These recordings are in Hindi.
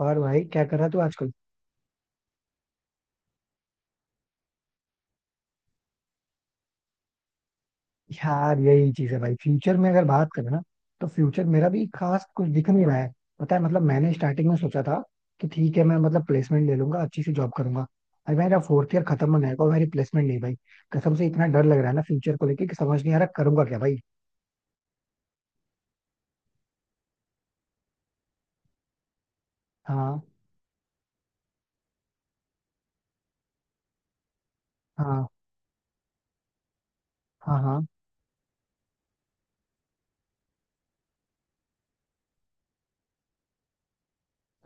और भाई क्या कर रहा तू आजकल। यार यही चीज है भाई। फ्यूचर में अगर बात करें ना तो फ्यूचर मेरा भी खास कुछ दिख नहीं रहा है। पता है मतलब मैंने स्टार्टिंग में सोचा था कि ठीक है मैं मतलब प्लेसमेंट ले लूंगा, अच्छी सी जॉब करूंगा। अरे मेरा फोर्थ ईयर खत्म होने आएगा और मेरी प्लेसमेंट नहीं भाई। कसम से इतना डर लग रहा है ना फ्यूचर को लेके कि समझ नहीं आ रहा करूंगा क्या भाई। हाँ। हाँ हाँ। हाँ।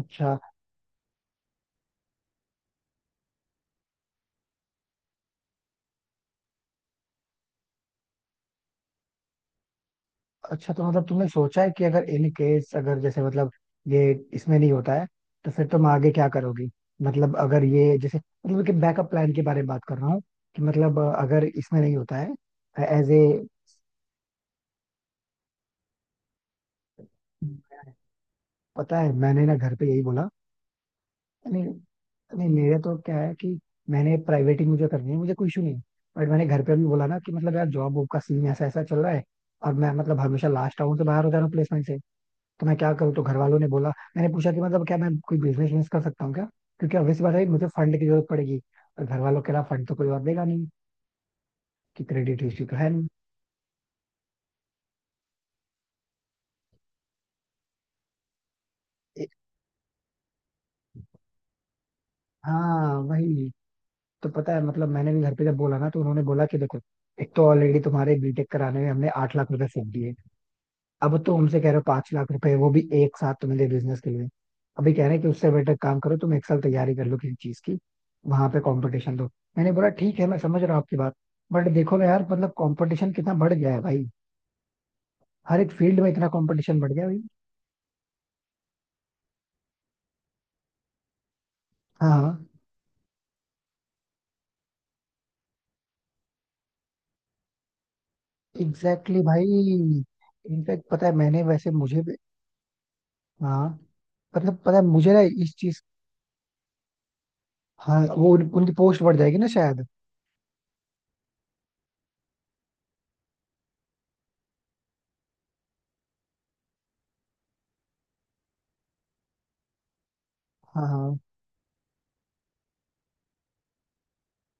अच्छा। अच्छा तो मतलब तुमने सोचा है कि अगर इन केस अगर जैसे मतलब ये इसमें नहीं होता है तो फिर तुम आगे क्या करोगी। मतलब अगर ये जैसे मतलब कि बैकअप प्लान के बारे में बात कर रहा हूँ कि मतलब अगर इसमें नहीं होता है। As a. पता है मैंने ना घर पे यही बोला। नहीं। नहीं मेरे तो क्या है कि मैंने प्राइवेट ही, मुझे करनी है, मुझे कोई इशू नहीं है। बट मैंने घर पे भी बोला ना कि मतलब यार जॉब वॉब का सीन ऐसा ऐसा चल रहा है और मैं मतलब हमेशा लास्ट आउट से बाहर हो जा रहा हूँ प्लेसमेंट से। तो मैं क्या करूँ, तो घर वालों ने बोला। मैंने पूछा कि मतलब क्या मैं कोई बिजनेस विजनेस कर सकता हूँ क्या, क्योंकि ऑब्वियस बात है मुझे फंड की जरूरत पड़ेगी और घर वालों के अलावा फंड तो कोई और देगा नहीं, कि क्रेडिट हिस्ट्री तो है नहीं। ए- हाँ वही। तो पता है मतलब मैंने भी घर पे जब बोला ना तो उन्होंने बोला कि देखो, एक तो ऑलरेडी तुम्हारे बीटेक कराने में हमने 8 लाख रुपए फूक दिए, अब तो हमसे कह रहे हो 5 लाख रुपए वो भी एक साथ तुम्हें दे बिजनेस के लिए। अभी कह रहे हैं कि उससे बेटर काम करो, तुम एक साल तैयारी कर लो किसी चीज की, वहां पे कंपटीशन दो। मैंने बोला ठीक है, मैं समझ रहा हूँ आपकी बात, बट देखो ना यार, मतलब कंपटीशन कितना बढ़ गया है भाई। हर एक फील्ड में इतना कंपटीशन बढ़ गया है भाई। हाँ, एग्जैक्टली exactly भाई, इनफैक्ट पता है मैंने, वैसे मुझे भी। हाँ। मतलब पता है मुझे ना इस चीज। हाँ, वो उनकी पोस्ट बढ़ जाएगी ना शायद। हाँ हाँ।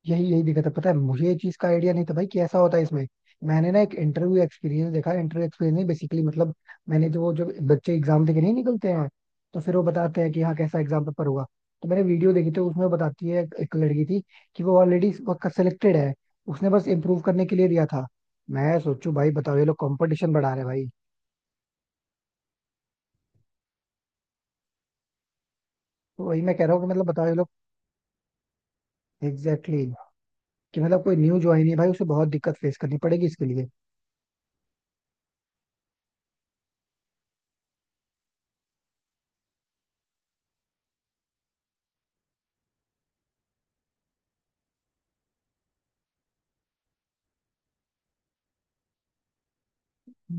यही यही दिक्कत है। पता है मुझे ये चीज का आइडिया नहीं था भाई कि ऐसा होता है इसमें। मैंने ना एक इंटरव्यू एक्सपीरियंस देखा, इंटरव्यू एक्सपीरियंस नहीं, बेसिकली मतलब मैंने जो बच्चे एग्जाम देके नहीं निकलते हैं, तो फिर वो बताते हैं कि हाँ कैसा एग्जाम पेपर हुआ। तो मैंने वीडियो देखी थी, उसमें बताती है एक एक लड़की थी कि वो ऑलरेडी सिलेक्टेड है, उसने बस इम्प्रूव करने के लिए दिया था। मैं सोचू भाई, बताओ ये लोग कंपटीशन बढ़ा रहे हैं भाई। तो वही मैं कह रहा हूँ कि मतलब बताओ ये लोग। एग्जैक्टली exactly, कि मतलब कोई न्यू ज्वाइन है भाई उसे बहुत दिक्कत फेस करनी पड़ेगी इसके लिए।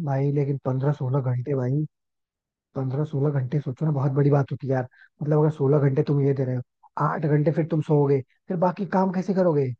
भाई लेकिन 15-16 घंटे भाई, 15-16 घंटे सोचो ना बहुत बड़ी बात होती है यार। मतलब अगर 16 घंटे तुम ये दे रहे हो, 8 घंटे फिर तुम सोओगे, फिर बाकी काम कैसे करोगे।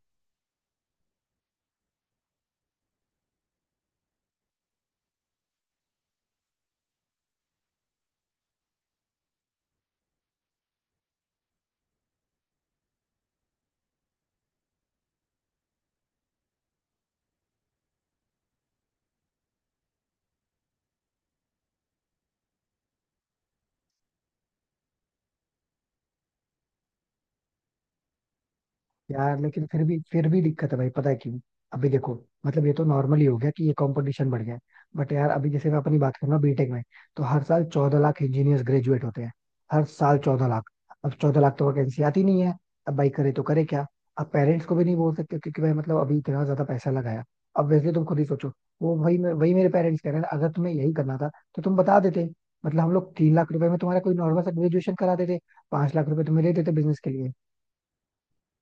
यार लेकिन फिर भी दिक्कत है भाई, पता है क्यों। अभी देखो, मतलब ये तो नॉर्मली हो गया कि ये कंपटीशन बढ़ गया है, बट यार अभी जैसे मैं अपनी बात करूँ ना, बीटेक में तो हर साल 14 लाख इंजीनियर्स ग्रेजुएट होते हैं। हर साल चौदह लाख। अब 14 लाख तो वैकेंसी आती नहीं है। अब भाई करे तो करे क्या। अब पेरेंट्स को भी नहीं बोल सकते क्योंकि भाई मतलब अभी इतना ज्यादा पैसा लगाया। अब वैसे तुम खुद ही सोचो। वही मेरे पेरेंट्स कह रहे हैं अगर तुम्हें यही करना था तो तुम बता देते। मतलब हम लोग 3 लाख रुपए में तुम्हारा कोई नॉर्मल सा ग्रेजुएशन करा देते, 5 लाख रुपए तुम्हें दे देते बिजनेस के लिए।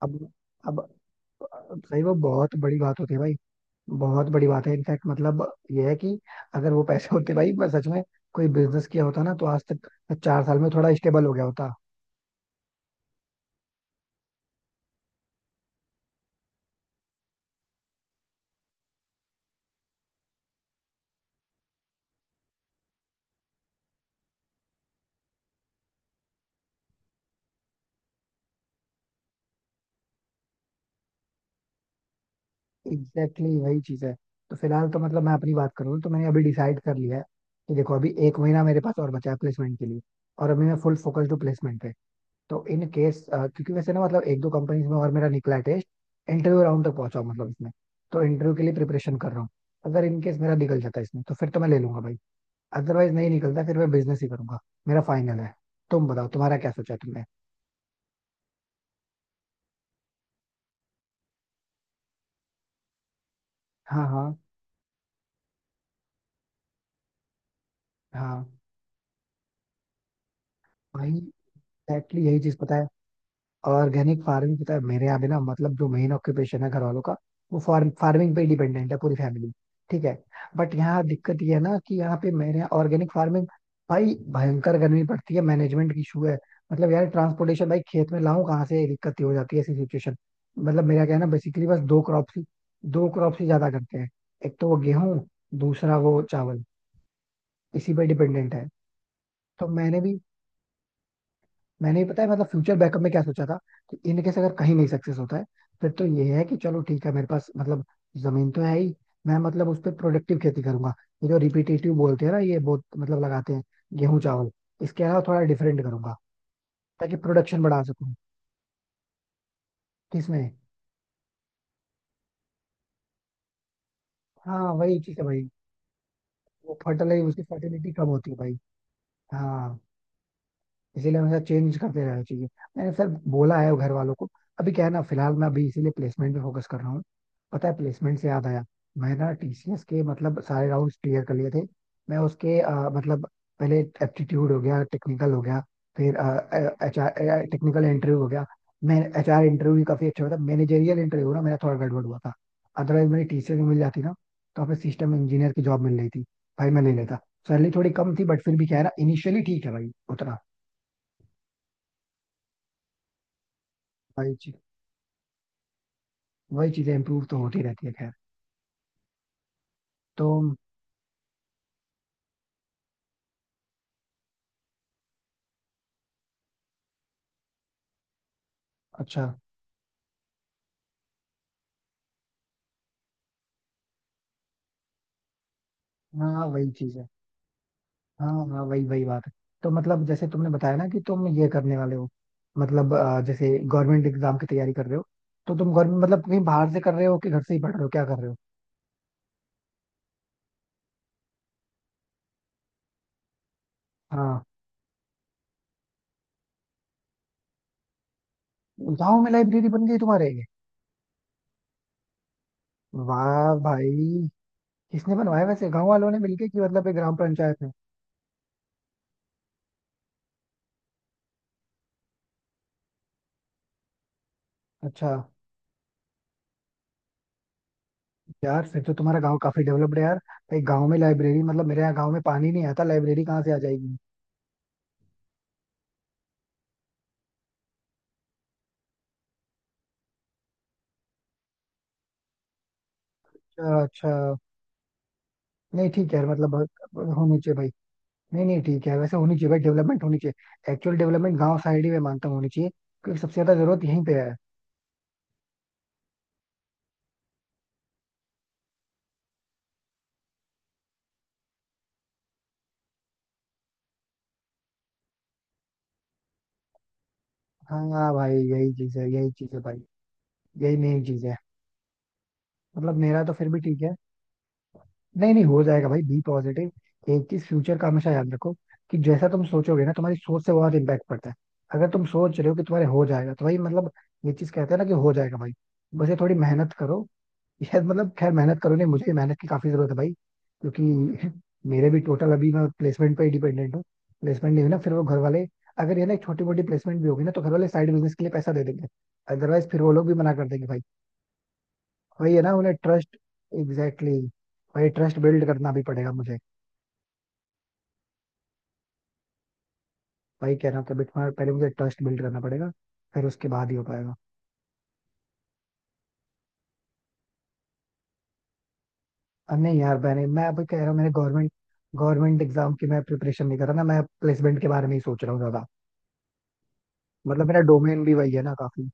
अब। अब सही, वो बहुत बड़ी बात होती है भाई, बहुत बड़ी बात है इनफैक्ट। मतलब ये है कि अगर वो पैसे होते भाई, मैं सच में कोई बिजनेस किया होता ना, तो आज तक मैं 4 साल में थोड़ा स्टेबल हो गया होता। एग्जैक्टली exactly, वही चीज है। तो फिलहाल तो मतलब मैं अपनी बात करूँ तो मैंने अभी डिसाइड कर लिया है कि देखो, अभी एक महीना मेरे पास और बचा है प्लेसमेंट के लिए, और अभी मैं फुल फोकस्ड हूँ प्लेसमेंट पे। तो इन केस क्योंकि वैसे ना मतलब एक दो कंपनीज में और मेरा निकला है टेस्ट, इंटरव्यू राउंड तक पहुंचा हूं मतलब इसमें, तो इंटरव्यू के लिए प्रिपरेशन कर रहा हूँ। अगर इन केस मेरा निकल जाता है इसमें तो फिर तो मैं ले लूंगा भाई, अदरवाइज नहीं निकलता फिर मैं बिजनेस ही करूंगा। मेरा फाइनल है। तुम बताओ तुम्हारा क्या सोचा है तुमने। हाँ। हाँ हाँ भाई, एग्जैक्टली यही चीज पता है। ऑर्गेनिक फार्मिंग, पता है मेरे यहाँ भी ना, मतलब जो मेन ऑक्यूपेशन है घर वालों का, वो फार्मिंग पे डिपेंडेंट है पूरी फैमिली। ठीक है। बट यहाँ दिक्कत ये है ना कि यहाँ पे मेरे यहाँ ऑर्गेनिक फार्मिंग, भाई भयंकर गर्मी पड़ती है, मैनेजमेंट की इशू है। मतलब यार ट्रांसपोर्टेशन भाई, खेत में लाऊं कहाँ से, ये दिक्कत ही हो जाती है ऐसी सिचुएशन। मतलब मेरा क्या है ना, बेसिकली बस दो क्रॉप ही ज्यादा करते हैं। एक तो वो गेहूं, दूसरा वो चावल, इसी पे डिपेंडेंट है। तो मैंने भी, मैंने पता है मतलब फ्यूचर बैकअप में क्या सोचा था कि इन केस अगर कहीं नहीं सक्सेस होता है फिर तो ये है कि चलो ठीक है, मेरे पास मतलब जमीन तो है ही, मैं मतलब उस पर प्रोडक्टिव खेती करूंगा। ये जो रिपीटेटिव बोलते हैं ना ये बहुत मतलब लगाते हैं, गेहूं चावल, इसके अलावा थोड़ा डिफरेंट करूंगा ताकि प्रोडक्शन बढ़ा सकूं। किसमें। हाँ वही चीज है भाई, वो फर्टिलाइज उसकी फर्टिलिटी कम होती है भाई। हाँ। इसीलिए हमेशा चेंज करते रहना चाहिए। मैंने सर बोला है घर वालों को। अभी क्या है ना, फिलहाल मैं अभी इसीलिए प्लेसमेंट पे फोकस कर रहा हूँ। पता है, प्लेसमेंट से याद आया, मैं ना टीसीएस के मतलब सारे राउंड्स क्लियर कर लिए थे। मैं उसके मतलब पहले एप्टीट्यूड हो गया, टेक्निकल हो गया, फिर एचआर टेक्निकल इंटरव्यू हो गया। मैं एचआर इंटरव्यू भी काफी अच्छा हुआ था, मैनेजरियल इंटरव्यू ना मेरा थोड़ा गड़बड़ हुआ था। अदरवाइज मेरी टीसीएस में मिल जाती ना। तो हमें सिस्टम इंजीनियर की जॉब मिल रही थी, भाई मैं ले लेता। सैलरी थोड़ी कम थी, बट फिर भी क्या है ना, इनिशियली ठीक है भाई उतना। वही चीज, वही चीजें इम्प्रूव तो होती रहती है, खैर। तो अच्छा। हाँ हाँ, वही चीज है। हाँ हाँ, वही वही बात है। तो मतलब जैसे तुमने बताया ना कि तुम ये करने वाले हो, मतलब जैसे गवर्नमेंट एग्जाम की तैयारी कर रहे हो, तो तुम गवर्नमेंट मतलब कहीं बाहर से कर रहे हो कि घर से ही पढ़ रहे हो, क्या कर रहे हो। हाँ। गाँव में लाइब्रेरी बन गई तुम्हारे। वाह भाई। किसने बनवाया वैसे, गांव वालों ने मिलके कि मतलब एक ग्राम पंचायत में। अच्छा। यार फिर तो तुम्हारा गांव काफी डेवलप्ड है यार। भाई गांव में लाइब्रेरी, मतलब मेरे यहाँ गांव में पानी नहीं आता, लाइब्रेरी कहाँ से आ जाएगी। अच्छा अच्छा। नहीं ठीक है यार, मतलब होनी चाहिए भाई। नहीं नहीं ठीक है, वैसे होनी चाहिए भाई, डेवलपमेंट होनी चाहिए, एक्चुअल डेवलपमेंट गांव साइड ही मैं मानता हूँ होनी चाहिए, क्योंकि सबसे ज्यादा जरूरत यहीं पे है। हाँ भाई यही चीज है, यही चीज है भाई, यही मेन चीज है। मतलब मेरा तो फिर भी ठीक है। नहीं नहीं, हो जाएगा भाई, बी पॉजिटिव। एक चीज फ्यूचर का हमेशा याद रखो कि जैसा तुम सोचोगे ना, तुम्हारी सोच से बहुत इम्पैक्ट पड़ता है। अगर तुम सोच रहे हो कि तुम्हारे हो जाएगा तो भाई मतलब, ये चीज कहते हैं ना कि हो जाएगा भाई, बस ये थोड़ी मेहनत करो। यार मतलब खैर मेहनत करो, नहीं मुझे भी मेहनत की काफी जरूरत है भाई, क्योंकि मेरे भी टोटल अभी मैं प्लेसमेंट पे ही डिपेंडेंट हूँ। प्लेसमेंट नहीं हुई ना फिर वो घर वाले, अगर ये ना एक छोटी मोटी प्लेसमेंट भी होगी ना तो घर वाले साइड बिजनेस के लिए पैसा दे देंगे, अदरवाइज फिर वो लोग भी मना कर देंगे भाई। वही है ना उन्हें ट्रस्ट। एग्जैक्टली exactly, भाई ट्रस्ट बिल्ड करना भी पड़ेगा मुझे। वही कह रहा हूँ कि पहले मुझे ट्रस्ट बिल्ड करना पड़ेगा, फिर उसके बाद ही हो पाएगा। अब नहीं यार, मैंने, मैं अभी कह रहा हूँ मैंने गवर्नमेंट, गवर्नमेंट एग्जाम की मैं प्रिपरेशन नहीं कर रहा ना, मैं प्लेसमेंट के बारे में ही सोच रहा हूँ ज्यादा। मतलब मेरा डोमेन भी वही है ना काफी।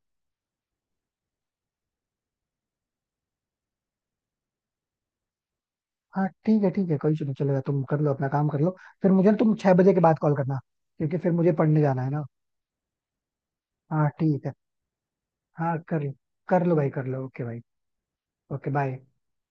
हाँ ठीक है ठीक है, कोई इशू नहीं, चलेगा तुम कर लो, अपना काम कर लो, फिर मुझे ना तुम 6 बजे के बाद कॉल करना, क्योंकि फिर मुझे पढ़ने जाना है ना। हाँ ठीक है। हाँ कर कर लो भाई, कर लो, ओके भाई। Okay bye.